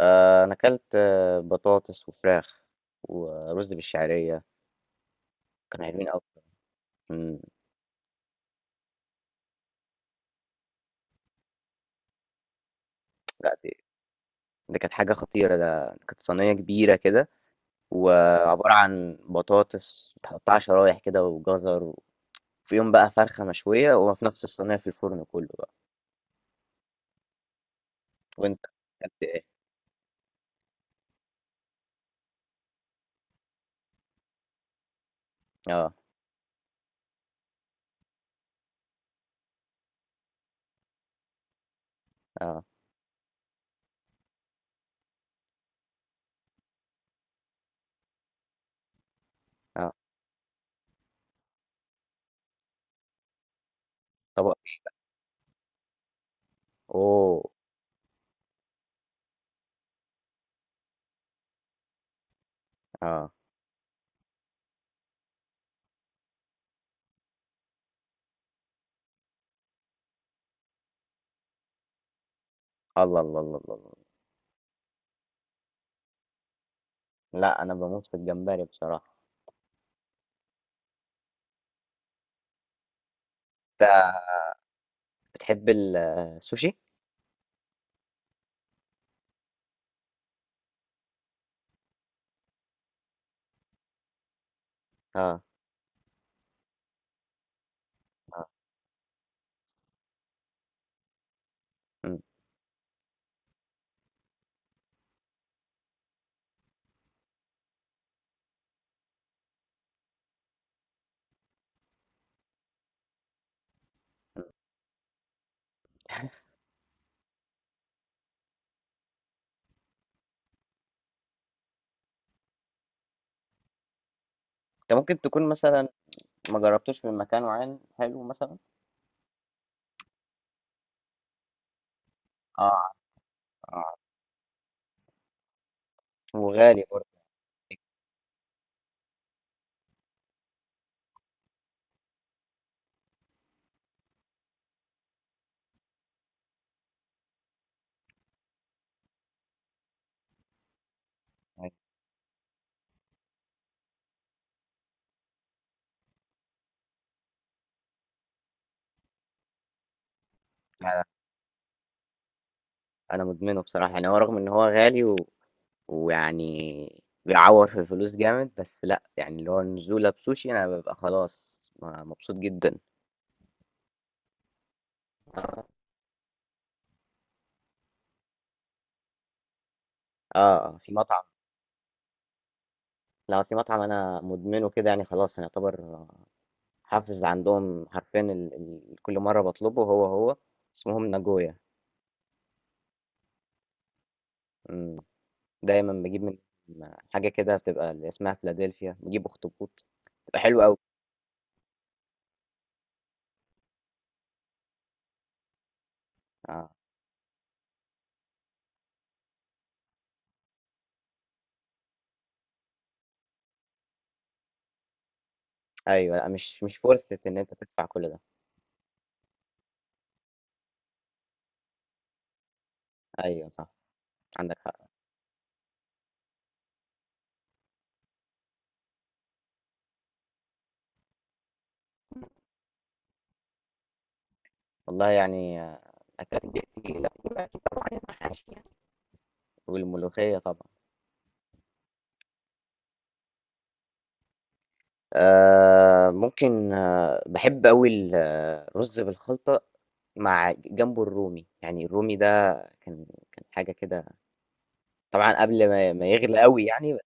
آه، انا اكلت بطاطس وفراخ ورز بالشعريه. كانوا حلوين قوي. مم، لا، دي كانت حاجه خطيره. ده كانت صينيه كبيره كده، وعباره عن بطاطس متقطعه شرايح كده وجزر، وفيهم بقى فرخه مشويه، وفي نفس الصينيه في الفرن كله بقى. وانت اكلت ايه؟ اه. اه. اه. طبق. اوه. اه. الله الله الله الله الله. لا، انا بموت في الجمبري بصراحه. انت بتحب السوشي؟ اه. اه. مم. مم. انت ممكن تكون مثلا ما جربتوش من مكان معين حلو مثلًا؟ آه، آه، وغالي برضه. أنا أنا مدمنه بصراحة، يعني هو رغم إن هو غالي، و ويعني بيعوّر في الفلوس جامد، بس لأ، يعني اللي هو النزولة بسوشي أنا بابقى خلاص مبسوط جدًا. آه، آه، في مطعم. لأ، في مطعم أنا مدمنه كده يعني خلاص، أنا يعتبر حافظ عندهم حرفيًا ال كل مرّة باطلبه، هو، اسمهم ناجويا. إمم، دايمًا باجيب منهم حاجة كده بتبقى اللي اسمها فيلادلفيا، باجيب أخطبوط، بتبقى حلوة أوي. آه. أيوه، لأ مش فرصة إن أنت تدفع كل ده. أيوه صح، عندك حق. والله يعني، أكلات البيت دي لأ، يبقى أكيد طبعًا المحاشي يعني، والملوخية طبعًا. ممكن، باحب أوي الرز بالخلطة مع جنبه الرومي، يعني الرومي ده كان كان حاجة كده. طبعًا قبل ما يغلى أوي يعني،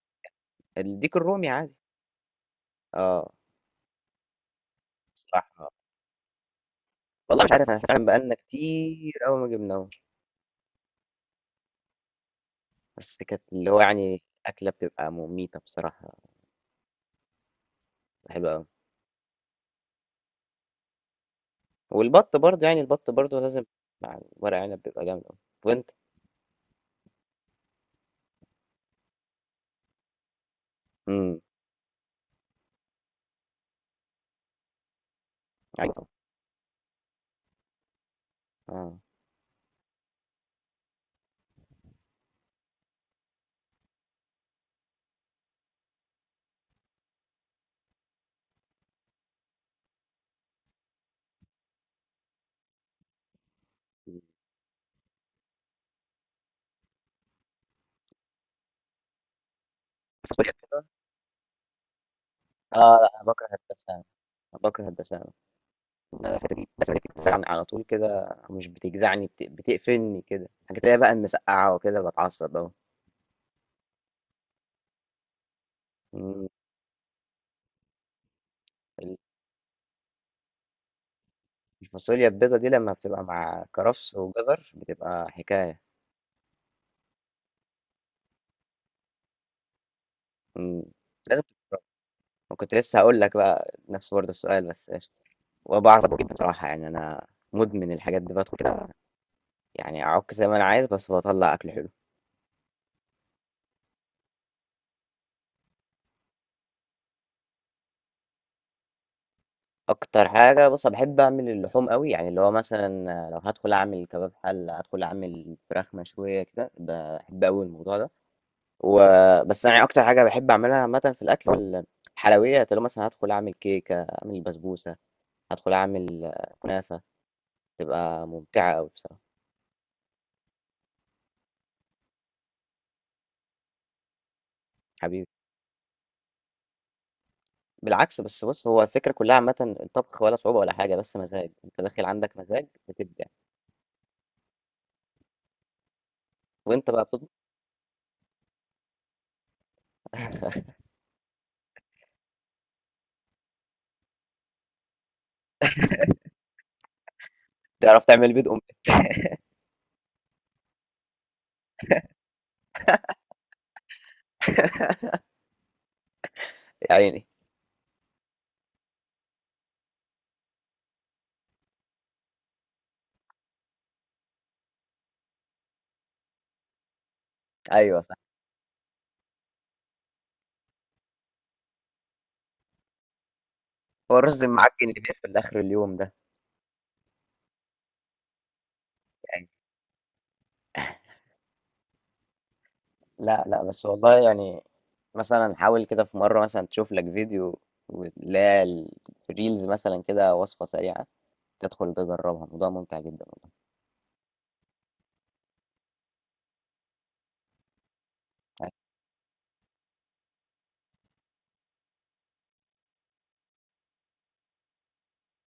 الديك الرومي عادي. آه، بصراحة، والله مش عارف، إحنا فعلًا بقى لنا كتير أوي ما جبناهوش، بس كانت اللي هو يعني أكلة بتبقى مميتة بصراحة. حلو أوي. والبط برضه، يعني البط برضه لازم مع ورق عنب بيبقى جامد أوي. وأنت؟ امم. عايز. اه. فاصوليا كده. اه. لا، أنا بكره الدسامة. أنا بكره الدسامة. أنا الحتة دي الدسامة دي بتجزعني على طول كده، مش بتجزعني، بتقفلني كده، الحاجات اللي هي بقى المسقعة وكده بتعصب أوي. مم. الفاصوليا البيضة دي لما بتبقى مع كرفس وجزر بتبقى حكاية. مم. لازم. كنت لسه هقول لك بقى نفس برضه السؤال، بس قشطة. وبعرف أطبخ جدا بصراحة، يعني أنا مدمن الحاجات دي، بدخل كده يعني اعك زي ما انا عايز، بس بطلع اكل حلو. اكتر حاجه، بص أنا بحب اعمل اللحوم قوي، يعني اللي هو مثلا لو هدخل اعمل كباب حله، هدخل اعمل فراخ مشويه كده، بحب قوي الموضوع ده. وبس يعني اكتر حاجه بحب اعملها عامه في الاكل الحلويات، اللي هو مثلا هدخل اعمل كيكه، اعمل بسبوسه، هدخل اعمل كنافه، تبقى ممتعه قوي بصراحه. حبيبي، بالعكس، بس بص هو الفكره كلها عامه الطبخ ولا صعوبه ولا حاجه، بس مزاج، انت داخل عندك مزاج بتبدع. وانت بقى بتطبخ؟ تعرف تعمل بيض ام؟ يا عيني. أيوه صح، هو الرز المعجّن اللي بيقفل آخر اليوم ده؟ يعني، لأ، لأ، بس والله يعني مثلًا حاول كده في مرّة، مثلًا تشوف لك فيديو، واللي هي الreels مثلًا كده، وصفة سريعة، تدخل تجرّبها، الموضوع ممتع جدًا. والله.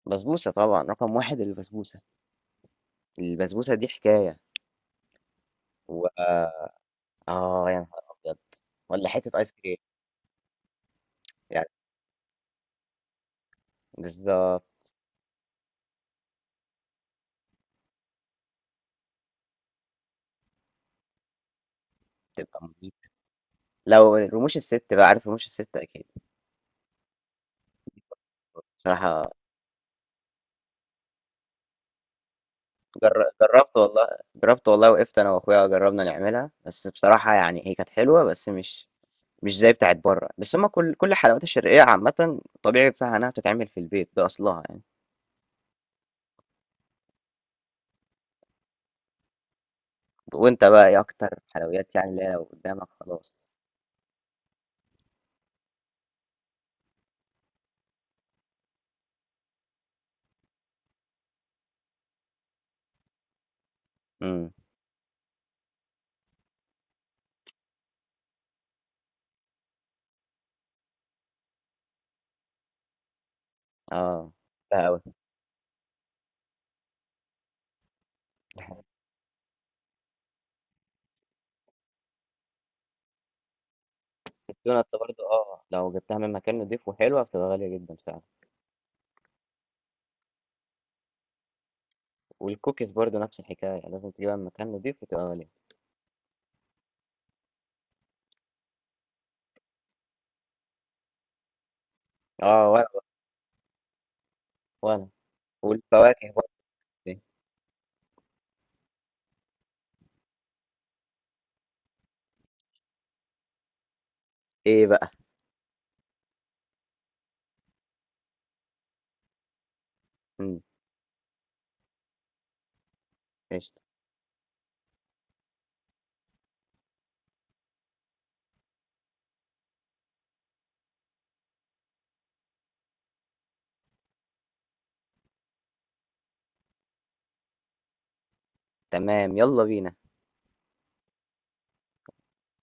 بسبوسة طبعًا، رقم 1 البسبوسة، البسبوسة دي حكاية. و، آه، يا نهار أبيض! والّا حتّة آيس كريم، يعني بالضبط، تبقى مميتة. لو رموش الست بقى، عارف رموش الست أكيد؟ بصراحة، جربت والله، جربت والله، وقفت انا واخويا جربنا نعملها، بس بصراحه يعني هي كانت حلوه بس مش زي بتاعت بره، بس هما كل الحلويات الشرقيه عامه، الطبيعي بتاعها انها بتتعمل في البيت، ده اصلها يعني. وانت بقى ايه اكتر حلويات، يعني اللي هي لو قدامك خلاص؟ امم. اه. بقى قوي. الدوناتس برضه، اه لو جبتها من مكان نضيف وحلوه بتبقى غاليه جدا فعلا. والكوكيز برضه نفس الحكايه، يعني لازم تجيبها من مكان نضيف وتبقى غاليه. اه. وانا. والفواكه برضه. ايه بقى؟ امم. قشطة. تمام، يلا بينا.